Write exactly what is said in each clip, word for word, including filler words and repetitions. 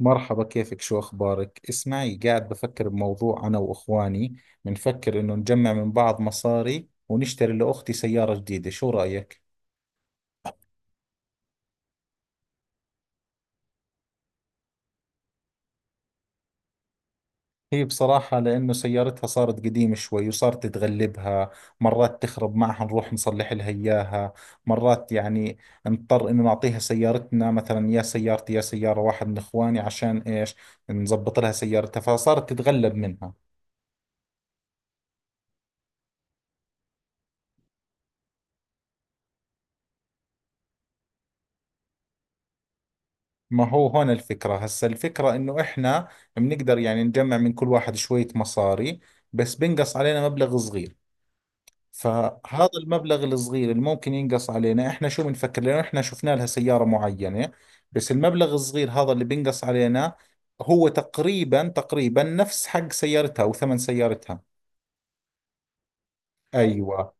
مرحبا، كيفك؟ شو أخبارك؟ اسمعي، قاعد بفكر بموضوع أنا وإخواني. بنفكر إنه نجمع من بعض مصاري ونشتري لأختي سيارة جديدة، شو رأيك؟ هي بصراحة، لأنه سيارتها صارت قديمة شوي وصارت تتغلبها. مرات تخرب معها، نروح نصلح لها إياها. مرات يعني نضطر إنه نعطيها سيارتنا، مثلا يا سيارتي يا سيارة واحد من إخواني، عشان إيش؟ نظبط لها سيارتها، فصارت تتغلب منها. ما هو هون الفكرة، هسا الفكرة انه احنا بنقدر يعني نجمع من كل واحد شوية مصاري، بس بنقص علينا مبلغ صغير. فهذا المبلغ الصغير اللي ممكن ينقص علينا، احنا شو بنفكر؟ لانه احنا شفنا لها سيارة معينة، بس المبلغ الصغير هذا اللي بينقص علينا هو تقريبا تقريبا نفس حق سيارتها او ثمن سيارتها. ايوه،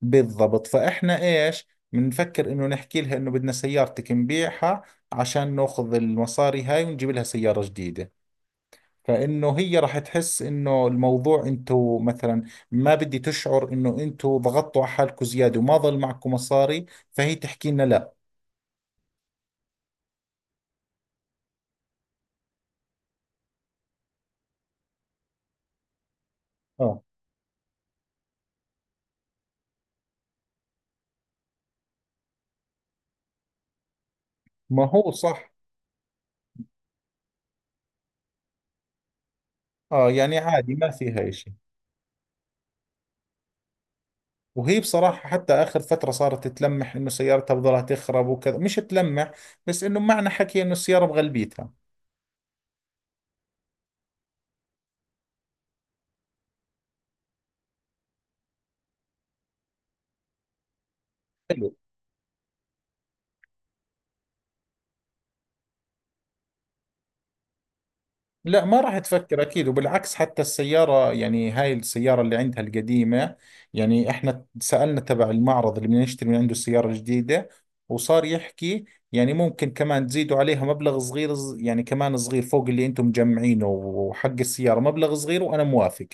بالضبط. فاحنا ايش بنفكر؟ انه نحكي لها انه بدنا سيارتك نبيعها عشان ناخذ المصاري هاي ونجيب لها سيارة جديدة. فانه هي راح تحس انه الموضوع انتو مثلا، ما بدي تشعر انه انتو ضغطتوا على حالكم زياده وما ضل معكم مصاري، فهي تحكي لنا لا. اه، ما هو صح. اه يعني عادي، ما فيها اشي. وهي بصراحة حتى آخر فترة صارت تلمح إنه سيارتها بضلها تخرب وكذا، مش تلمح بس إنه معنى حكي إنه السيارة بغلبيتها. حلو. لا، ما راح تفكر اكيد. وبالعكس حتى السياره، يعني هاي السياره اللي عندها القديمه، يعني احنا سالنا تبع المعرض اللي بدنا نشتري من عنده السياره الجديده، وصار يحكي يعني ممكن كمان تزيدوا عليها مبلغ صغير ص- يعني كمان صغير فوق اللي انتم مجمعينه، وحق السياره مبلغ صغير، وانا موافق.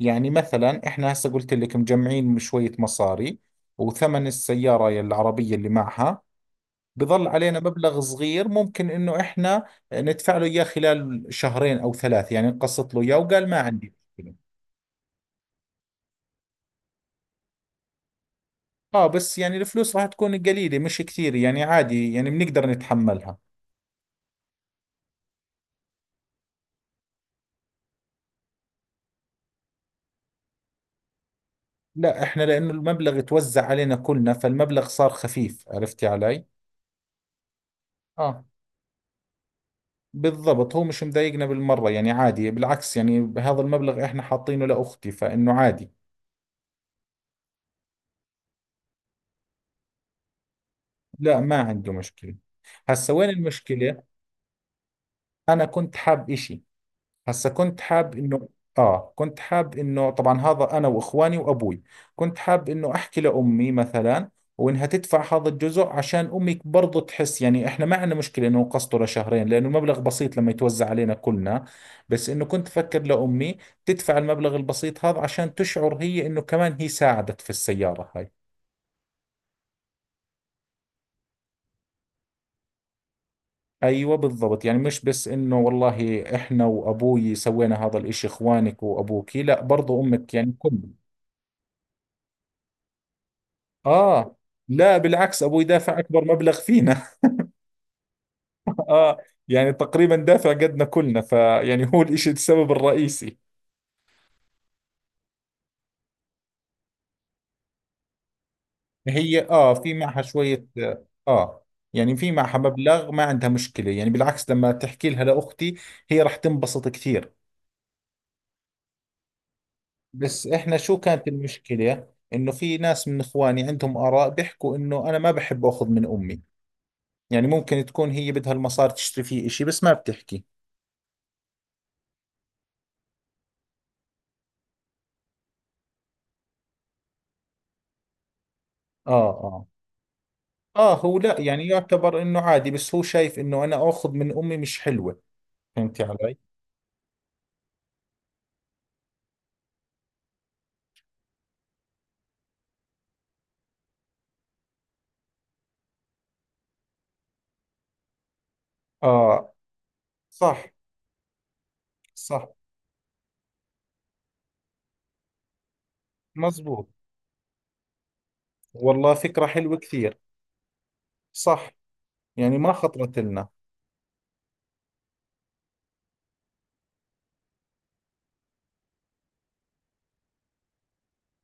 يعني مثلا احنا هسه قلت لك مجمعين شويه مصاري، وثمن السياره العربيه اللي معها بظل علينا مبلغ صغير ممكن انه احنا ندفع له اياه خلال شهرين او ثلاث، يعني نقسط له اياه، وقال ما عندي مشكلة. اه، بس يعني الفلوس راح تكون قليلة، مش كثير، يعني عادي، يعني بنقدر نتحملها. لا احنا لانه المبلغ توزع علينا كلنا، فالمبلغ صار خفيف، عرفتي علي؟ اه، بالضبط. هو مش مضايقنا بالمرة، يعني عادي، بالعكس، يعني هذا المبلغ احنا حاطينه لاختي فانه عادي. لا، ما عنده مشكلة. هسا وين المشكلة؟ انا كنت حاب اشي، هسا كنت حاب انه اه كنت حاب انه طبعا هذا انا واخواني وابوي، كنت حاب انه احكي لامي مثلا، وانها تدفع هذا الجزء، عشان امي برضه تحس يعني احنا ما عندنا مشكله انه نقسطه لشهرين، لانه المبلغ بسيط لما يتوزع علينا كلنا. بس انه كنت افكر لامي تدفع المبلغ البسيط هذا عشان تشعر هي انه كمان هي ساعدت في السياره هاي. ايوه، بالضبط، يعني مش بس انه والله احنا وابوي سوينا هذا الاشي، اخوانك وابوكي، لا برضو امك، يعني كلنا. آه، لا بالعكس، أبوي دافع أكبر مبلغ فينا. آه، يعني تقريبا دافع قدنا كلنا، فيعني هو الإشي السبب الرئيسي. هي آه في معها شوية. آه، يعني في معها مبلغ، ما عندها مشكلة، يعني بالعكس لما تحكي لها لأختي هي راح تنبسط كثير. بس إحنا شو كانت المشكلة؟ إنه في ناس من إخواني عندهم آراء بيحكوا إنه أنا ما بحب أخذ من أمي، يعني ممكن تكون هي بدها المصاري تشتري فيه إشي بس ما بتحكي. آه آه. اه، هو لا يعني يعتبر انه عادي، بس هو شايف انه انا اخذ من امي مش حلوة. فهمتي علي؟ اه صح صح، مزبوط، والله فكرة حلوة كثير، صح، يعني ما خطرت لنا.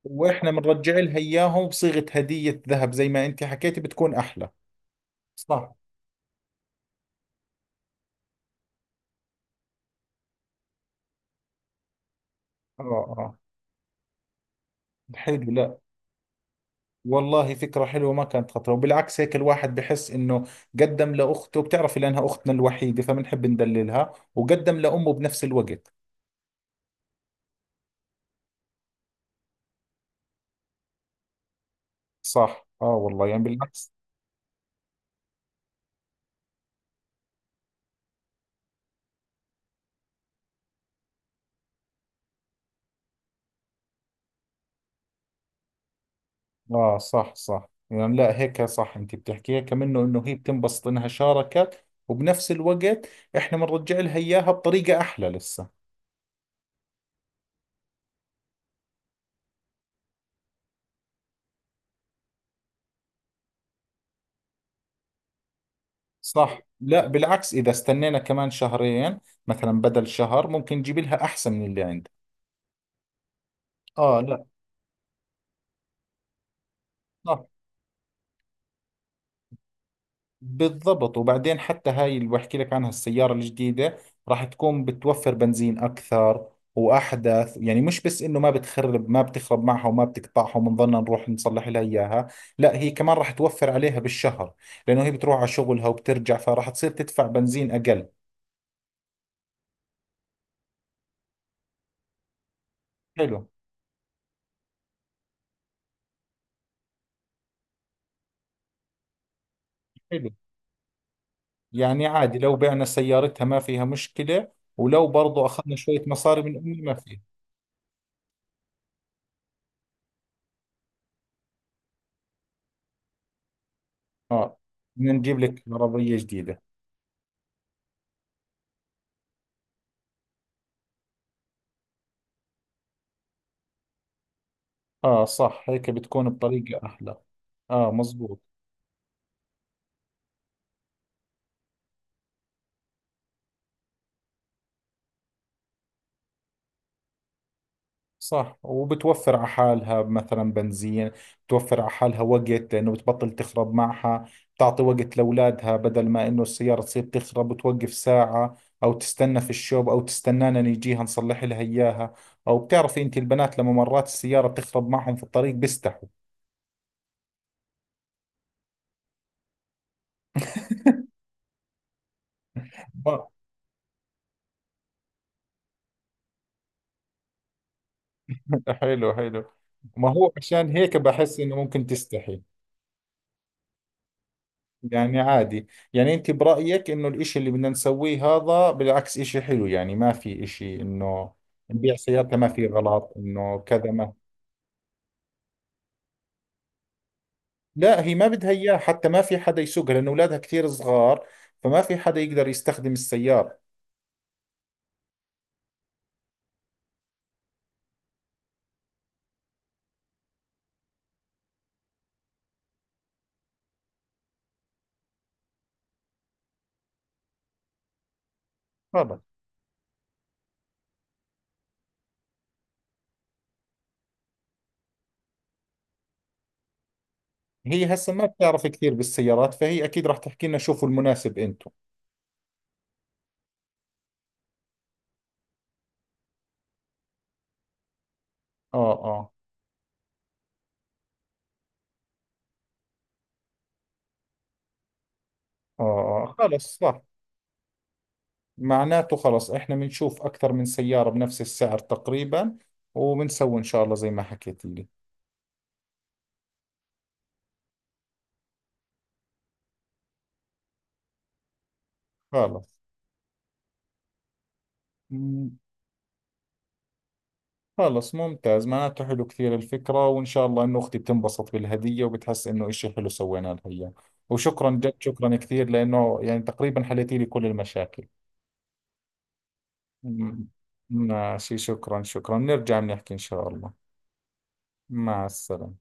واحنا بنرجع لها اياهم بصيغة هدية ذهب زي ما انت حكيتي بتكون احلى. صح. اه اه، حلو. لا، والله فكرة حلوة ما كانت خطرة، وبالعكس هيك الواحد بحس انه قدم لاخته، بتعرفي لانها اختنا الوحيدة فبنحب ندللها، وقدم لامه بنفس الوقت. صح، اه، والله يعني بالعكس. اه صح صح، يعني لا، هيك صح، انت بتحكيها كمان انه هي بتنبسط انها شاركت، وبنفس الوقت احنا بنرجع لها اياها بطريقة احلى لسه. صح. لا، بالعكس اذا استنينا كمان شهرين مثلا بدل شهر، ممكن نجيب لها احسن من اللي عندها. اه، لا، صح، بالضبط. وبعدين حتى هاي اللي بحكي لك عنها السيارة الجديدة راح تكون بتوفر بنزين أكثر وأحدث، يعني مش بس إنه ما بتخرب، ما بتخرب معها وما بتقطعها وبنضلنا نروح نصلح لها إياها، لا هي كمان راح توفر عليها بالشهر، لأنه هي بتروح على شغلها وبترجع، فراح تصير تدفع بنزين أقل. حلو حلو، يعني عادي لو بعنا سيارتها ما فيها مشكلة، ولو برضو أخذنا شوية مصاري من أمي ما فيها. آه، بدنا نجيب لك عربية جديدة. آه، صح، هيك بتكون بطريقة أحلى. آه، مزبوط، صح. وبتوفر على حالها مثلا بنزين، بتوفر على حالها وقت، لأنه بتبطل تخرب معها، بتعطي وقت لأولادها بدل ما إنه السيارة تصير تخرب وتوقف ساعة، أو تستنى في الشوب، أو تستنانا نيجيها نصلح لها إياها. أو بتعرفي أنت البنات لما مرات السيارة بتخرب معهم في الطريق بيستحوا. ما- حلو حلو. ما هو عشان هيك بحس إنه ممكن تستحي. يعني عادي، يعني انت برأيك انه الاشي اللي بدنا نسويه هذا بالعكس اشي حلو، يعني ما في اشي انه نبيع سيارتها ما في غلط انه كذا ما. لا، هي ما بدها اياه حتى، ما في حدا يسوقها لانه اولادها كثير صغار، فما في حدا يقدر يستخدم السيارة. خلص، هي هسه ما بتعرف كثير بالسيارات، فهي اكيد راح تحكي لنا شوفوا المناسب انتم. اه اه اه اه، خلص، صح، معناته خلص احنا بنشوف اكثر من سيارة بنفس السعر تقريبا، وبنسوي ان شاء الله زي ما حكيت لي. خلص. مم، خلص، ممتاز، معناته حلو كثير الفكرة، وإن شاء الله إنه أختي بتنبسط بالهدية وبتحس إنه إشي حلو سوينا لها إياه. وشكرا، جد شكرا كثير، لأنه يعني تقريبا حليتي لي كل المشاكل. مم، ماشي، شكرا شكرا، نرجع بنحكي إن شاء الله. مع السلامة.